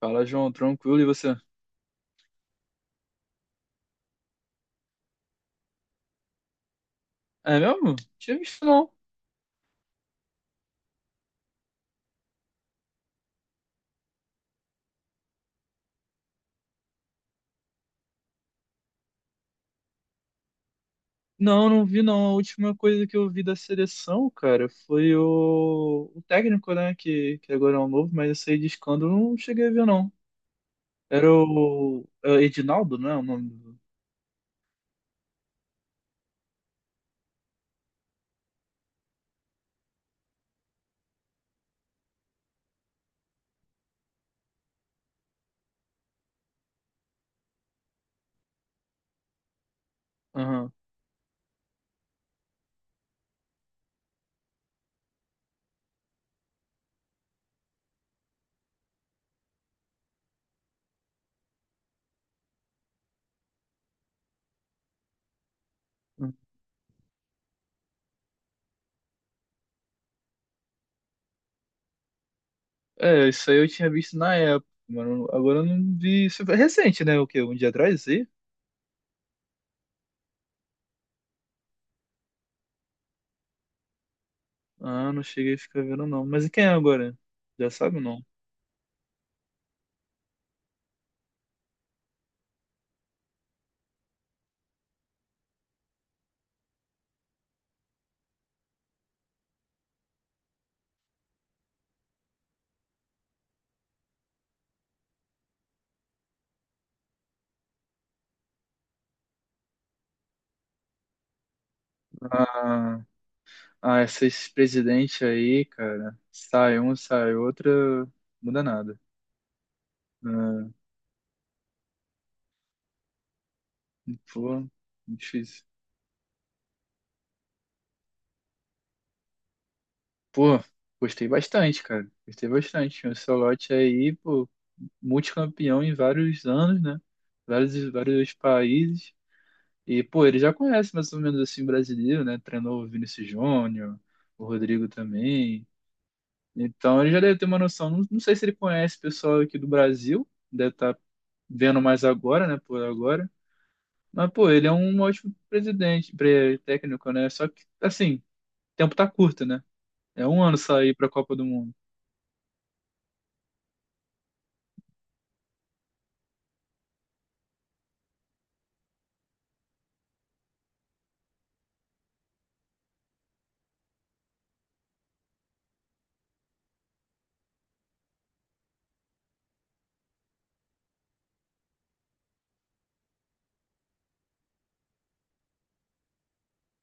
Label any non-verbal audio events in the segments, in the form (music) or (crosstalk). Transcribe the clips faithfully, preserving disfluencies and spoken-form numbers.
Fala, João, tranquilo, e você? É mesmo? Tinha visto não. Não, não vi não. A última coisa que eu vi da seleção, cara, foi o, o técnico, né, que, que agora é o novo, mas esse aí de escândalo eu não cheguei a ver não. Era o é, Edinaldo, né, o nome do. Aham. É, isso aí eu tinha visto na época, mano. Agora eu não vi. Isso é recente, né, o quê? Um dia atrás, isso aí? Ah, não cheguei a ficar vendo não. Mas e quem é agora? Já sabe ou não? Ah, Ah, esses presidentes aí, cara, sai um, sai outra, muda nada. Ah, pô, difícil. Pô, gostei bastante, cara. Gostei bastante. O Ancelotti aí, pô, multicampeão em vários anos, né? Vários, vários países. E, pô, ele já conhece mais ou menos assim o brasileiro, né? Treinou o Vinícius Júnior, o Rodrigo também. Então ele já deve ter uma noção. Não, não sei se ele conhece o pessoal aqui do Brasil, deve estar vendo mais agora, né? Por agora. Mas, pô, ele é um ótimo presidente, pre- técnico, né? Só que, assim, o tempo tá curto, né? É um ano sair pra Copa do Mundo.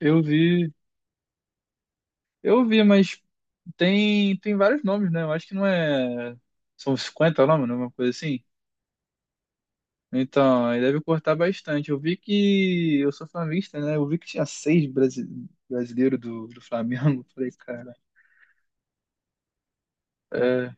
Eu vi, eu vi, mas tem, tem vários nomes, né? Eu acho que não é. São cinquenta nomes, né? Uma coisa assim. Então, aí deve cortar bastante. Eu vi que. Eu sou flamenguista, né? Eu vi que tinha seis brasi- brasileiros do, do Flamengo. (laughs) Falei, cara. É,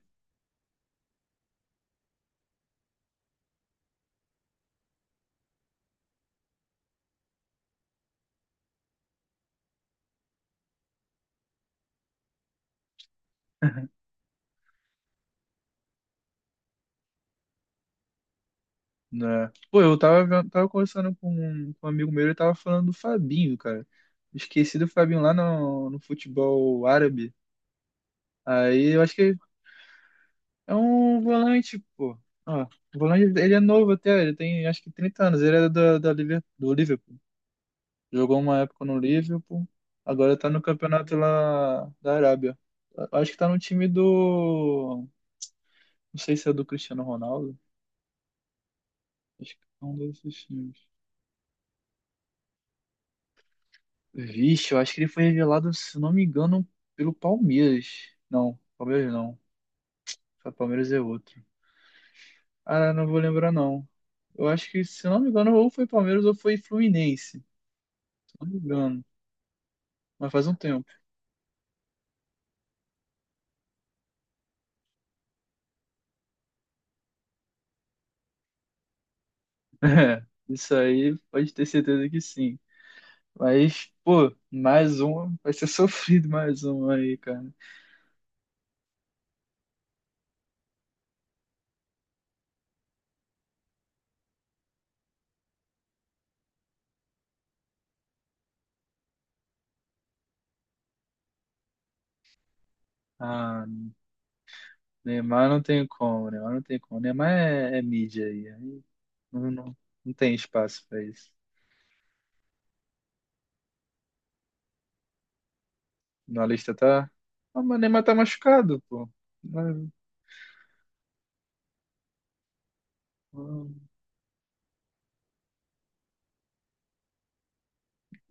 né? Pô, eu tava, vendo- tava conversando com um, com um amigo meu, ele tava falando do Fabinho, cara. Esqueci do Fabinho lá no, no futebol árabe. Aí eu acho que é um volante, pô. Ó, o volante, ele é novo até, ele tem acho que trinta anos. Ele é da, da Liver- do Liverpool. Jogou uma época no Liverpool, agora tá no campeonato lá da Arábia. A- Acho que tá no time do. Não sei se é do Cristiano Ronaldo. Acho que é um desses times. Vixe, eu acho que ele foi revelado, se não me engano, pelo Palmeiras. Não, Palmeiras não. Só Palmeiras é outro. Ah, não vou lembrar não. Eu acho que, se não me engano, ou foi Palmeiras ou foi Fluminense. Se não me engano. Mas faz um tempo. (laughs) É, isso aí pode ter certeza que sim. Mas, pô, mais um. Vai ser (laughs) sofrido mais um aí, cara. Ah, Neymar não tem como, Neymar não tem como. Neymar é, é mídia aí. aí Não, não, não tem espaço pra isso. Na lista tá. Ah, mas o Neymar tá machucado, pô. Não,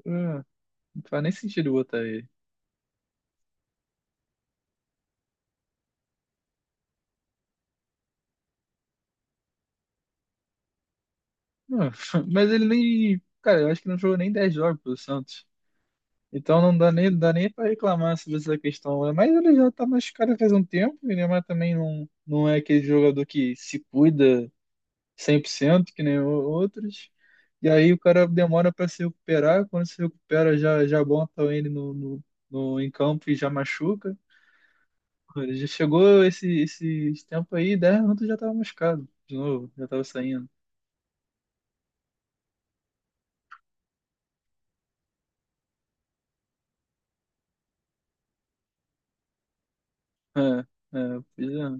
não, não faz nem sentido botar ele. Não, (laughs) mas ele nem. Cara, eu acho que não jogou nem dez jogos pelo Santos. Então não dá nem, dá nem pra reclamar sobre essa questão. Né? Mas ele já tá machucado faz um tempo. E o Neymar também não, não é aquele jogador que se cuida cem por cento que nem o- outros. E aí o cara demora pra se recuperar. Quando se recupera, já, já bota ele no, no, no, em campo e já machuca. Ele já chegou esse, esse tempo aí, dez minutos já tava machucado. De novo, já tava saindo. É, é, pois é.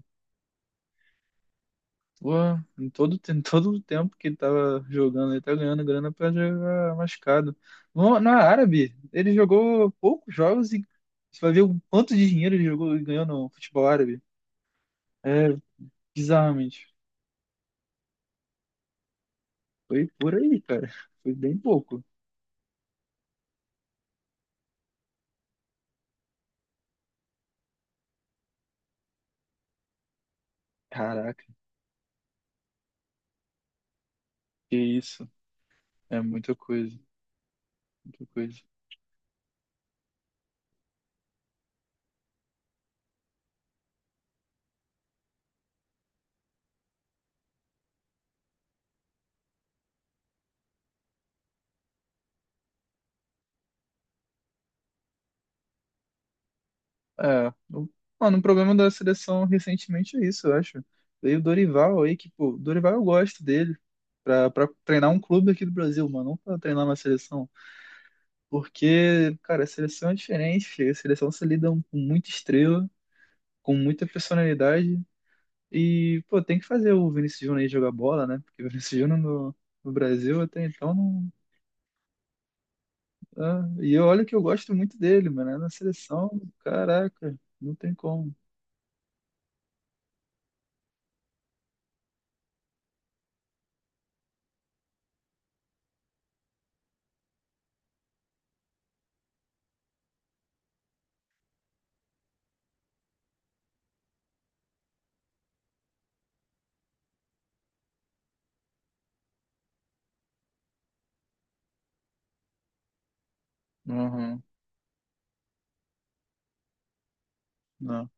Pô, em todo, tem- em todo o tempo que ele tava jogando, ele tá ganhando grana pra jogar machucado. No, na Árabe, ele jogou poucos jogos e você vai ver o quanto de dinheiro ele jogou e ganhou no futebol árabe. É, bizarramente. Foi por aí, cara. Foi bem pouco. Caraca, que isso. É muita coisa, muita coisa. É, o- mano, o problema da seleção recentemente é isso, eu acho. Veio o Dorival aí, que, pô, Dorival eu gosto dele, pra, pra treinar um clube aqui do Brasil, mano, não pra treinar uma seleção. Porque, cara, a seleção é diferente, a seleção se lida com muita estrela, com muita personalidade, e, pô, tem que fazer o Vinícius Júnior aí jogar bola, né? Porque o Vinícius Júnior no, no Brasil até então não. É, e eu olho que eu gosto muito dele, mano, é na seleção, caraca, não tem como. Uhum, não,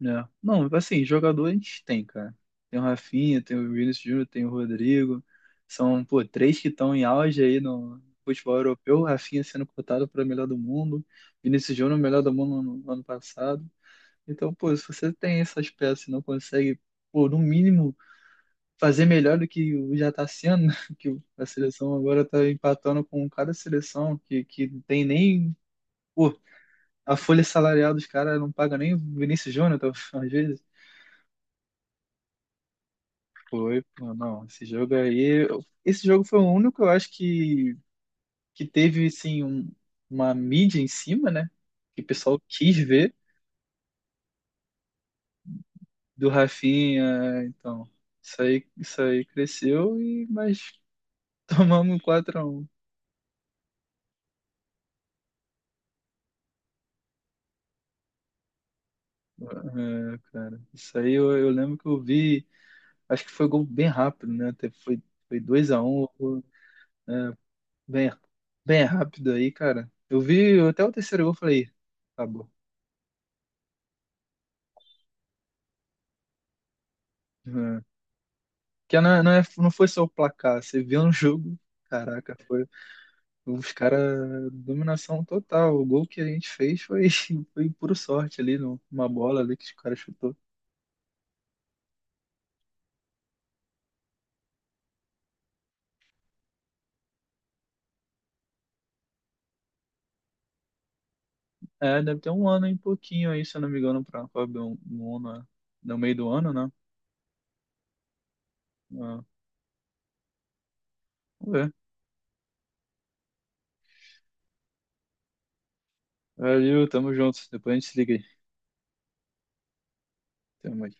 né? Não, assim, jogador a gente tem, cara. Tem o Rafinha, tem o Vinícius Júnior, tem o Rodrigo. São, pô, três que estão em auge aí no futebol europeu. O Rafinha sendo cotado para melhor do mundo. Vinícius Júnior, melhor do mundo no, no ano passado. Então, pô, se você tem essas peças e não consegue, pô, no mínimo, fazer melhor do que o- já tá sendo, né? (laughs) Que a seleção agora tá empatando com cada seleção que, que não tem nem. Pô, a folha salarial dos caras não paga nem o Vinícius Júnior, tá, (laughs) às vezes. Foi, pô, não, esse jogo aí, eu- esse jogo foi o único, eu acho que, que, teve, assim, um- uma mídia em cima, né, que o pessoal quis ver do Rafinha, então, isso aí, isso aí cresceu, e, mas (laughs) tomamos quatro a um, é, cara, isso aí eu, eu lembro que eu vi, acho que foi gol bem rápido, né, até foi, foi dois a um é, bem, bem rápido aí, cara, eu vi até o terceiro gol, e falei, acabou. É. Que não, é- não, é, não foi só o placar. Você viu um jogo, caraca, foi os caras dominação total. O gol que a gente fez foi, (laughs) foi puro sorte ali, numa bola ali que os caras chutou. É, deve ter um ano e pouquinho aí, se eu não me engano, pra Fábio um, um ano, né? No meio do ano, né? Ah, vamos ver. Valeu, tamo junto. Depois a gente se liga aí. Até mais.